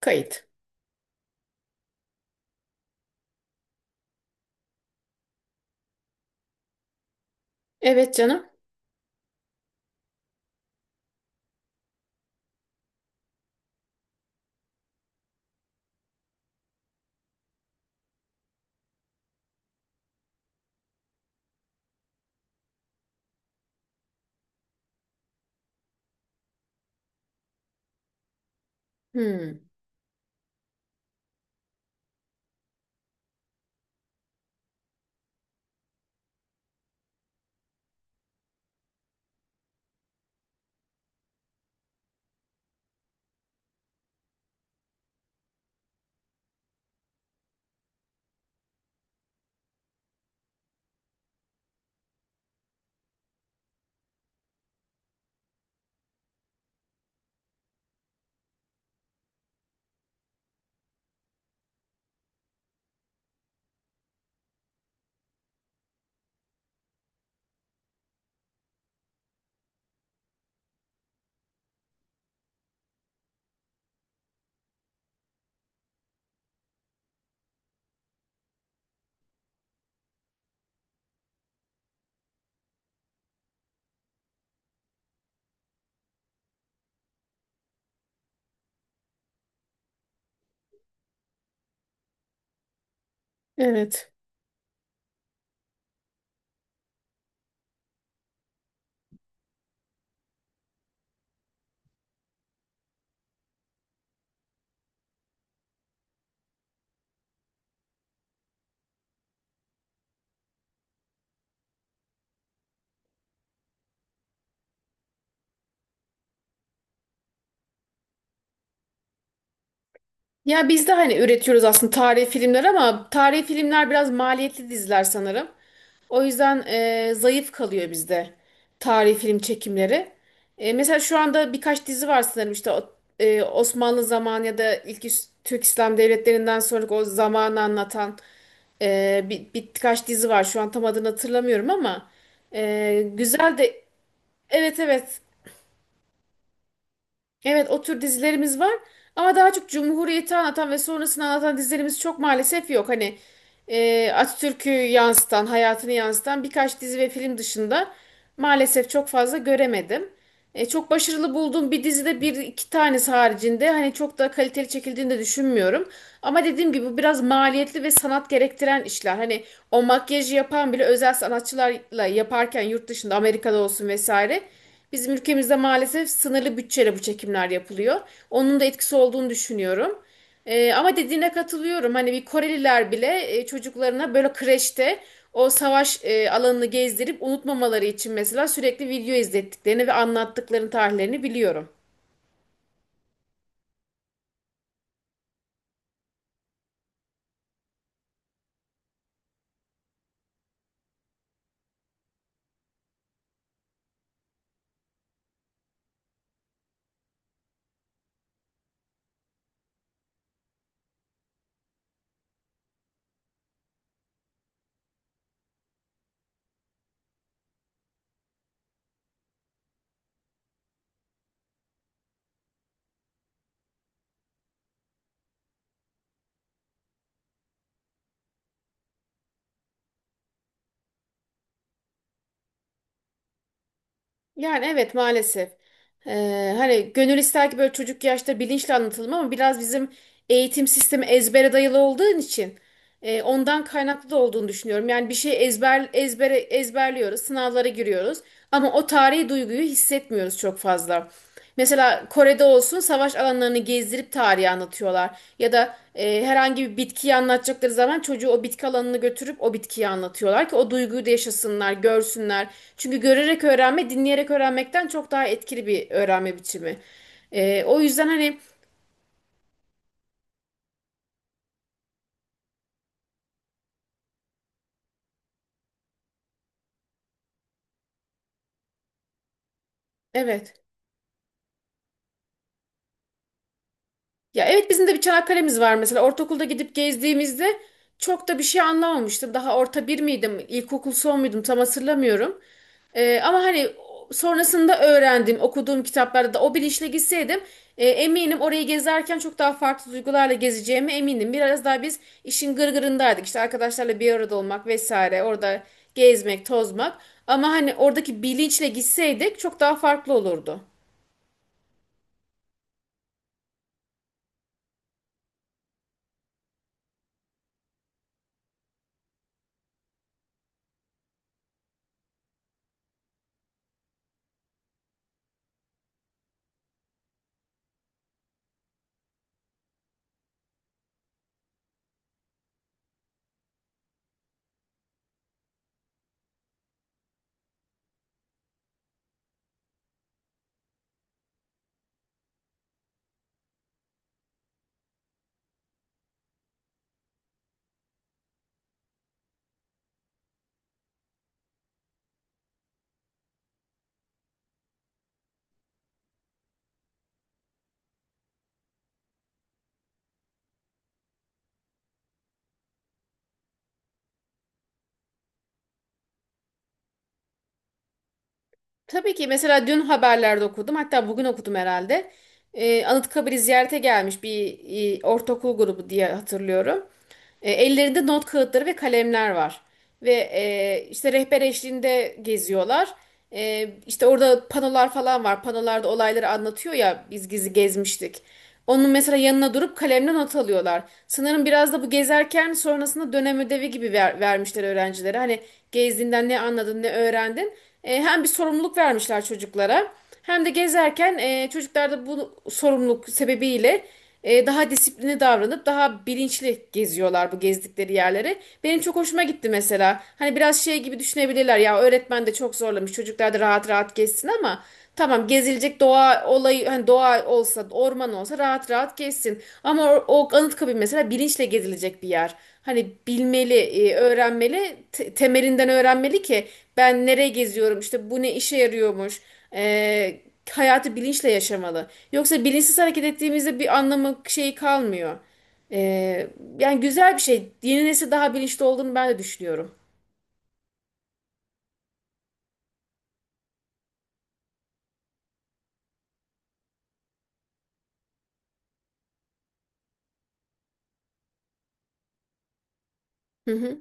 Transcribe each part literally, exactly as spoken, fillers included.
Kayıt. Evet canım. Hmm, evet. Ya biz de hani üretiyoruz aslında tarihi filmler ama tarihi filmler biraz maliyetli diziler sanırım. O yüzden e, zayıf kalıyor bizde tarihi film çekimleri. E, mesela şu anda birkaç dizi var sanırım işte o- e, Osmanlı zamanı ya da ilk İs- Türk İslam devletlerinden sonraki o zamanı anlatan e, bir, birkaç dizi var. Şu an tam adını hatırlamıyorum ama e, güzel de evet evet. Evet o tür dizilerimiz var ama daha çok Cumhuriyeti anlatan ve sonrasını anlatan dizilerimiz çok maalesef yok. Hani e, Atatürk'ü yansıtan, hayatını yansıtan birkaç dizi ve film dışında maalesef çok fazla göremedim. E, çok başarılı bulduğum bir dizide bir iki tanesi haricinde hani çok da kaliteli çekildiğini de düşünmüyorum. Ama dediğim gibi bu biraz maliyetli ve sanat gerektiren işler. Hani o makyajı yapan bile özel sanatçılarla yaparken yurt dışında Amerika'da olsun vesaire. Bizim ülkemizde maalesef sınırlı bütçeyle bu çekimler yapılıyor. Onun da etkisi olduğunu düşünüyorum. Ee, ama dediğine katılıyorum. Hani bir Koreliler bile e, çocuklarına böyle kreşte o savaş e, alanını gezdirip unutmamaları için mesela sürekli video izlettiklerini ve anlattıklarını, tarihlerini biliyorum. Yani evet maalesef. Ee, hani gönül ister ki böyle çocuk yaşta bilinçli anlatılma ama biraz bizim eğitim sistemi ezbere dayalı olduğu için. E, ondan kaynaklı da olduğunu düşünüyorum. Yani bir şey ezber ezbere ezberliyoruz, sınavlara giriyoruz ama o tarihi duyguyu hissetmiyoruz çok fazla. Mesela Kore'de olsun savaş alanlarını gezdirip tarihi anlatıyorlar. Ya da e, herhangi bir bitkiyi anlatacakları zaman çocuğu o bitki alanını götürüp o bitkiyi anlatıyorlar ki o duyguyu da yaşasınlar, görsünler. Çünkü görerek öğrenme, dinleyerek öğrenmekten çok daha etkili bir öğrenme biçimi. E, o yüzden hani evet. Ya evet bizim de bir Çanakkale'miz var mesela. Ortaokulda gidip gezdiğimizde çok da bir şey anlamamıştım. Daha orta bir miydim, ilkokul son muydum tam hatırlamıyorum. Ee, ama hani sonrasında öğrendim, okuduğum kitaplarda da o bilinçle gitseydim e, eminim orayı gezerken çok daha farklı duygularla gezeceğime eminim. Biraz daha biz işin gırgırındaydık. İşte arkadaşlarla bir arada olmak vesaire, orada gezmek, tozmak. Ama hani oradaki bilinçle gitseydik çok daha farklı olurdu. Tabii ki mesela dün haberlerde okudum hatta bugün okudum herhalde. Ee, Anıtkabir'i ziyarete gelmiş bir e, ortaokul grubu diye hatırlıyorum. E, ellerinde not kağıtları ve kalemler var. Ve e, işte rehber eşliğinde geziyorlar. E, işte orada panolar falan var. Panolarda olayları anlatıyor ya biz gizli gezmiştik. Onun mesela yanına durup kalemle not alıyorlar. Sanırım biraz da bu gezerken sonrasında dönem ödevi gibi ver- vermişler öğrencilere. Hani gezdiğinden ne anladın, ne öğrendin. E, hem bir sorumluluk vermişler çocuklara hem de gezerken e, çocuklar da bu sorumluluk sebebiyle e, daha disiplinli davranıp daha bilinçli geziyorlar bu gezdikleri yerleri. Benim çok hoşuma gitti mesela. Hani biraz şey gibi düşünebilirler ya öğretmen de çok zorlamış çocuklar da rahat rahat gezsin ama tamam gezilecek doğa olayı hani doğa olsa orman olsa rahat rahat gezsin. Ama o, o Anıtkabir mesela bilinçle gezilecek bir yer. Hani bilmeli, e, öğrenmeli, te- temelinden öğrenmeli ki ben nereye geziyorum, işte bu ne işe yarıyormuş. E, hayatı bilinçle yaşamalı. Yoksa bilinçsiz hareket ettiğimizde bir anlamı şeyi kalmıyor. E, yani güzel bir şey. Yeni nesil daha bilinçli olduğunu ben de düşünüyorum. Hı hı.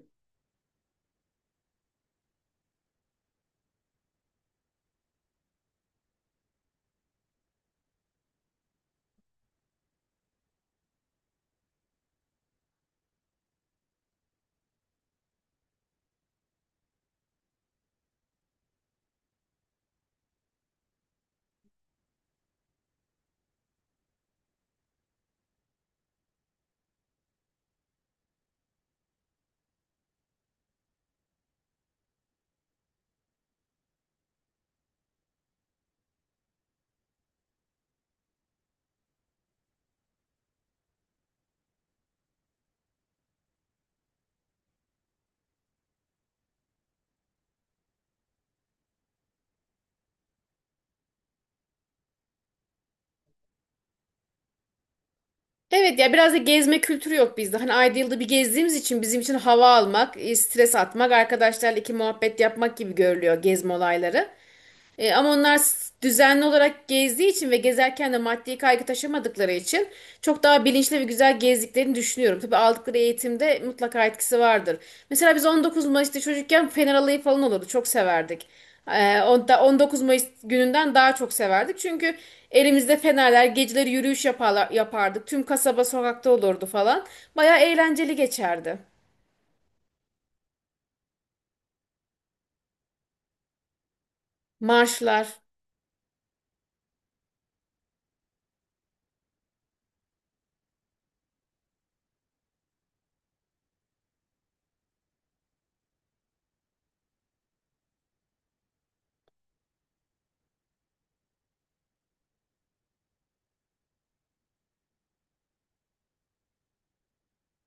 Evet ya biraz da gezme kültürü yok bizde. Hani ayda yılda bir gezdiğimiz için bizim için hava almak, e, stres atmak, arkadaşlarla iki muhabbet yapmak gibi görülüyor gezme olayları. E, ama onlar s- düzenli olarak gezdiği için ve gezerken de maddi kaygı taşımadıkları için çok daha bilinçli ve güzel gezdiklerini düşünüyorum. Tabii aldıkları eğitimde mutlaka etkisi vardır. Mesela biz on dokuz Mayıs'ta çocukken Fener Alayı falan olurdu. Çok severdik. E, on- da- on dokuz Mayıs gününden daha çok severdik. Çünkü elimizde fenerler, geceleri yürüyüş yaparlar, yapardık. Tüm kasaba sokakta olurdu falan. Bayağı eğlenceli geçerdi. Marşlar.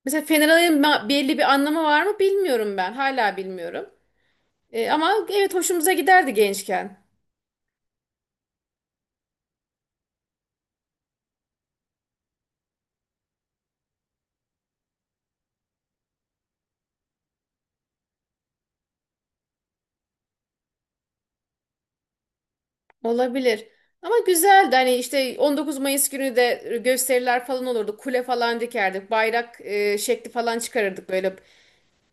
Mesela Fener Alayı'nın ma- belli bir anlamı var mı bilmiyorum ben. Hala bilmiyorum. E, ama evet hoşumuza giderdi gençken. Olabilir. Ama güzeldi hani işte on dokuz Mayıs günü de gösteriler falan olurdu. Kule falan dikerdik. Bayrak e, şekli falan çıkarırdık. Böyle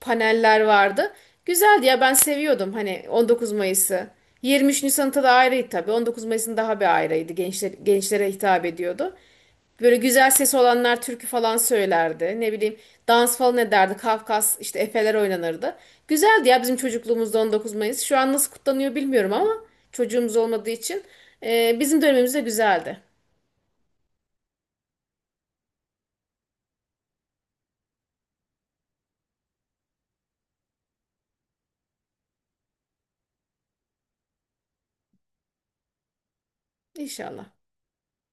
paneller vardı. Güzeldi ya ben seviyordum hani on dokuzu Mayıs'ı. yirmi üç Nisan'ta da ayrıydı tabii. on dokuzun Mayıs'ın daha bir ayrıydı. Gençler, gençlere hitap ediyordu. Böyle güzel sesi olanlar türkü falan söylerdi. Ne bileyim dans falan ederdi. Kafkas işte efeler oynanırdı. Güzeldi ya bizim çocukluğumuzda on dokuz Mayıs. Şu an nasıl kutlanıyor bilmiyorum ama çocuğumuz olmadığı için. E, bizim dönemimizde güzeldi. İnşallah.